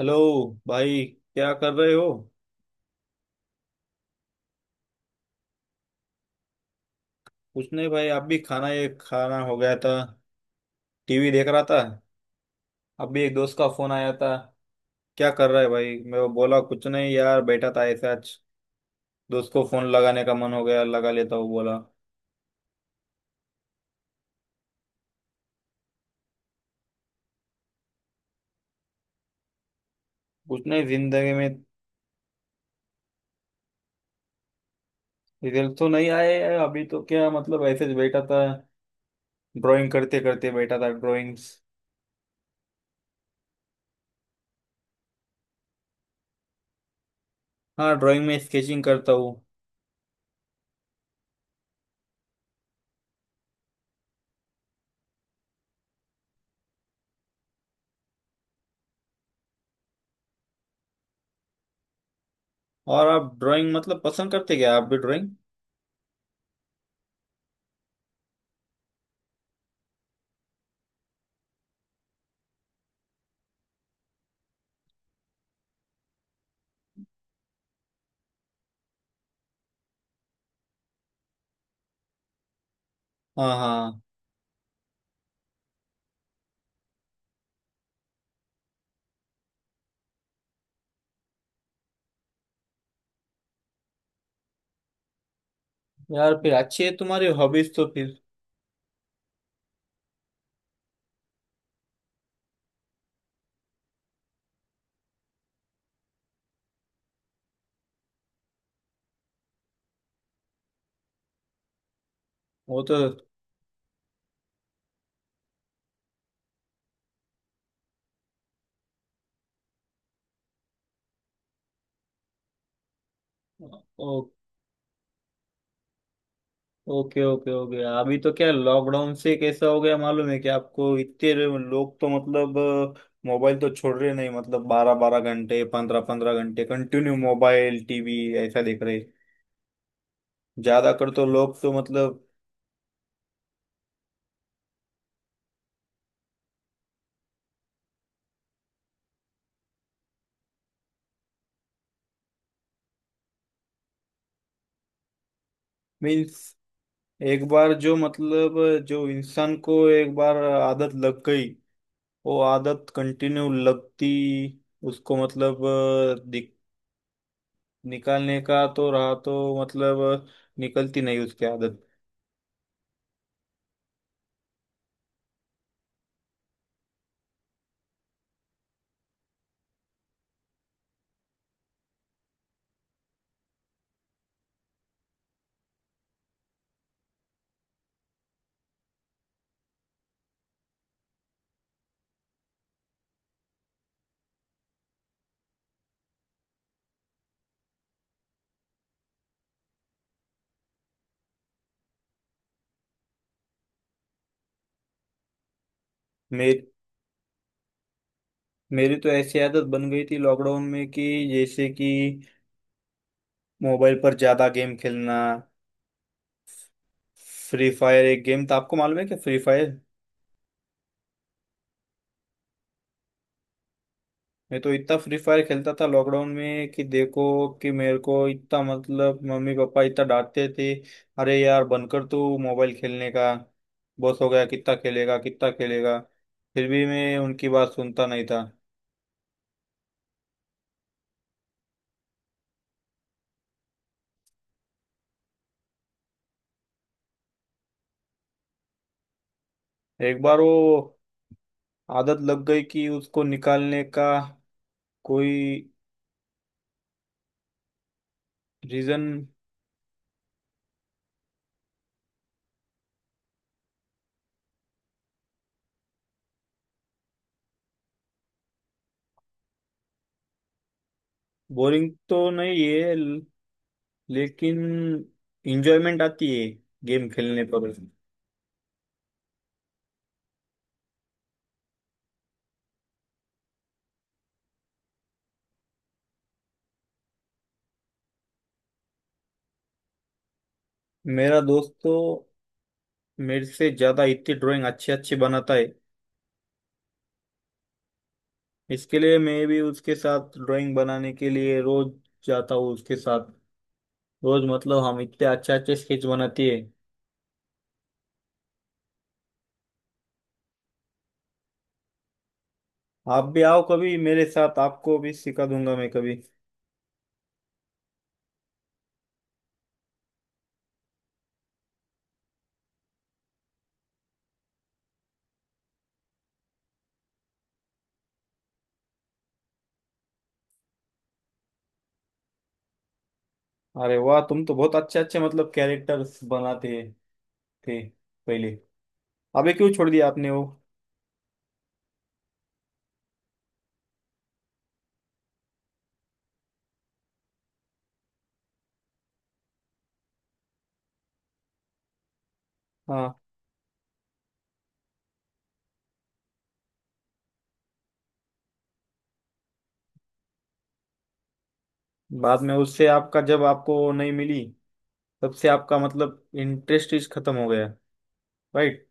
Hello भाई। क्या कर रहे हो? कुछ नहीं भाई, आप भी खाना ये खाना हो गया था। टीवी देख रहा था। अभी एक दोस्त का फोन आया था। क्या कर रहा है भाई, मैं बोला कुछ नहीं यार, बैठा था ऐसे आज दोस्त को फोन लगाने का मन हो गया, लगा लेता हूँ बोला। कुछ नहीं जिंदगी में। रिजल्ट तो नहीं आए हैं, अभी तो क्या मतलब ऐसे ही बैठा था। ड्राइंग करते करते बैठा था, ड्राइंग्स। हाँ, ड्राइंग में स्केचिंग करता हूँ। और आप ड्राइंग मतलब पसंद करते क्या, आप भी ड्राइंग? हाँ हाँ, यार फिर अच्छी है तुम्हारी हॉबीज तो फिर। वो तो। ओ, ओके ओके, हो गया अभी तो? क्या लॉकडाउन से कैसा हो गया मालूम है कि आपको, इतने लोग तो मतलब मोबाइल तो छोड़ रहे नहीं, मतलब 12 12 घंटे 15 15 घंटे कंटिन्यू मोबाइल टीवी ऐसा देख रहे, ज्यादा कर तो लोग तो मतलब। मीन्स एक बार जो मतलब, जो इंसान को एक बार आदत लग गई वो आदत कंटिन्यू लगती, उसको मतलब निकालने का तो रहा तो मतलब निकलती नहीं उसकी आदत। मे मेरी तो ऐसी आदत बन गई थी लॉकडाउन में कि जैसे कि मोबाइल पर ज्यादा गेम खेलना। फ्री फायर एक गेम था, आपको मालूम है क्या फ्री फायर? मैं तो इतना फ्री फायर खेलता था लॉकडाउन में कि देखो कि मेरे को इतना मतलब मम्मी पापा इतना डांटते थे, अरे यार बनकर तू मोबाइल खेलने का, बस हो गया, कितना खेलेगा कितना खेलेगा। फिर भी मैं उनकी बात सुनता नहीं था। एक बार वो आदत लग गई कि उसको निकालने का कोई रीजन। बोरिंग तो नहीं है, लेकिन इंजॉयमेंट आती है गेम खेलने पर। मेरा दोस्त तो मेरे से ज्यादा इतनी ड्राइंग अच्छी अच्छी बनाता है, इसके लिए मैं भी उसके साथ ड्राइंग बनाने के लिए रोज जाता हूँ उसके साथ। रोज मतलब हम इतने अच्छे अच्छे स्केच बनाती है। आप भी आओ कभी मेरे साथ, आपको भी सिखा दूंगा मैं कभी। अरे वाह, तुम तो बहुत अच्छे अच्छे मतलब कैरेक्टर्स बनाते हैं थी पहले। अबे क्यों छोड़ दिया आपने वो? हाँ, बाद में उससे आपका जब आपको नहीं मिली तब से आपका मतलब इंटरेस्ट इस खत्म हो गया, राइट?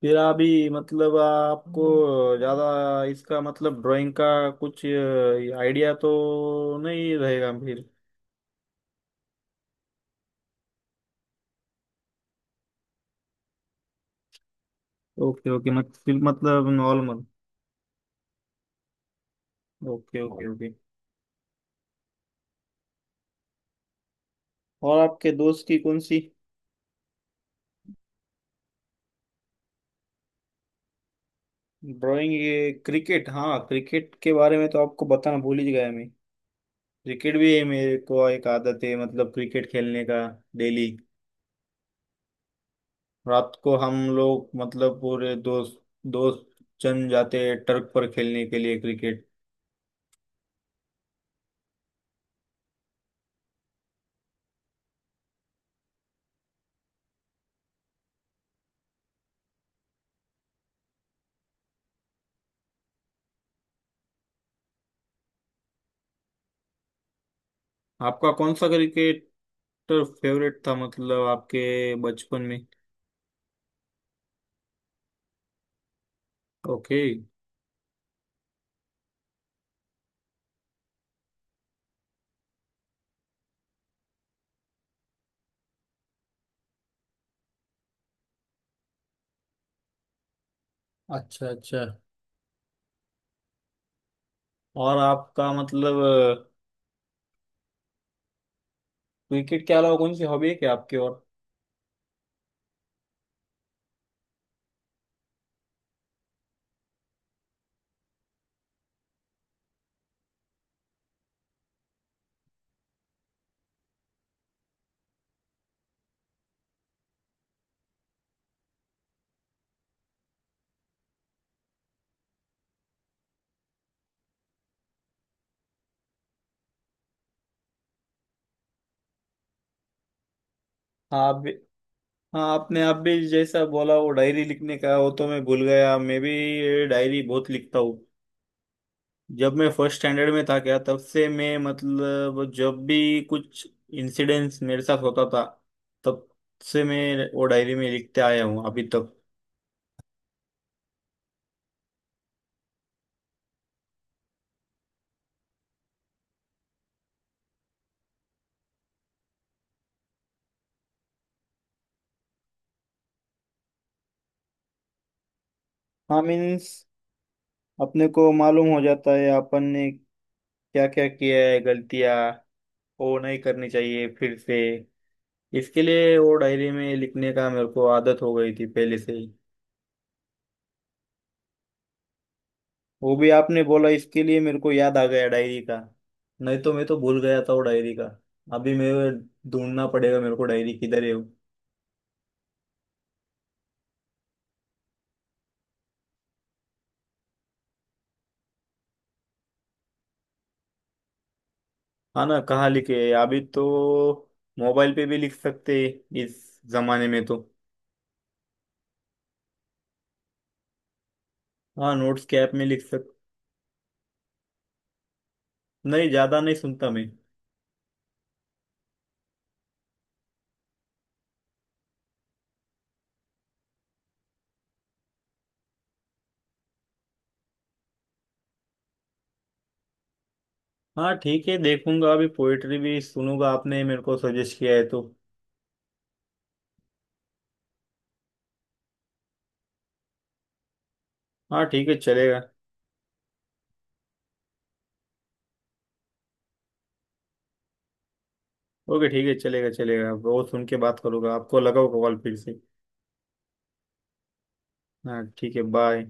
फिर अभी मतलब आपको ज्यादा इसका मतलब ड्राइंग का कुछ आइडिया तो नहीं रहेगा फिर। ओके ओके, मत फिर मतलब नॉर्मल। Okay okay okay. और आपके दोस्त की कौन सी? ड्राइंग, ये क्रिकेट, हाँ क्रिकेट के बारे में तो आपको बताना भूल ही गया मैं। क्रिकेट भी है मेरे को एक आदत है मतलब क्रिकेट खेलने का। डेली रात को हम लोग मतलब पूरे दोस्त दोस्त जन जाते हैं टर्क पर खेलने के लिए क्रिकेट। आपका कौन सा क्रिकेटर फेवरेट था मतलब आपके बचपन में? ओके। अच्छा अच्छा। और आपका मतलब क्रिकेट के अलावा कौन सी हॉबी है क्या आपके और? हाँ आप भी। हाँ, आपने आप भी जैसा बोला वो डायरी लिखने का, वो तो मैं भूल गया, मैं भी डायरी बहुत लिखता हूँ। जब मैं फर्स्ट स्टैंडर्ड में था क्या, तब से मैं मतलब जब भी कुछ इंसिडेंट्स मेरे साथ होता था, तब से मैं वो डायरी में लिखते आया हूँ अभी तक। हाँ मीन्स, अपने को मालूम हो जाता है अपन ने क्या क्या किया है गलतियाँ, वो नहीं करनी चाहिए फिर से। इसके लिए वो डायरी में लिखने का मेरे को आदत हो गई थी पहले से ही। वो भी आपने बोला इसके लिए मेरे को याद आ गया डायरी का। नहीं तो मैं तो भूल गया था वो डायरी का। अभी मैं ढूंढना पड़ेगा मेरे को डायरी किधर है वो। हाँ ना, कहाँ लिखे है अभी तो, मोबाइल पे भी लिख सकते हैं इस जमाने में तो। हाँ नोट्स के ऐप में लिख सक। नहीं, ज्यादा नहीं सुनता मैं। हाँ ठीक है, देखूंगा अभी पोइट्री भी सुनूंगा, आपने मेरे को सजेस्ट किया है तो। हाँ ठीक है चलेगा। ओके ठीक है, चलेगा चलेगा, वो सुन के बात करूंगा आपको, लगाओ कॉल फिर से। हाँ ठीक है, बाय।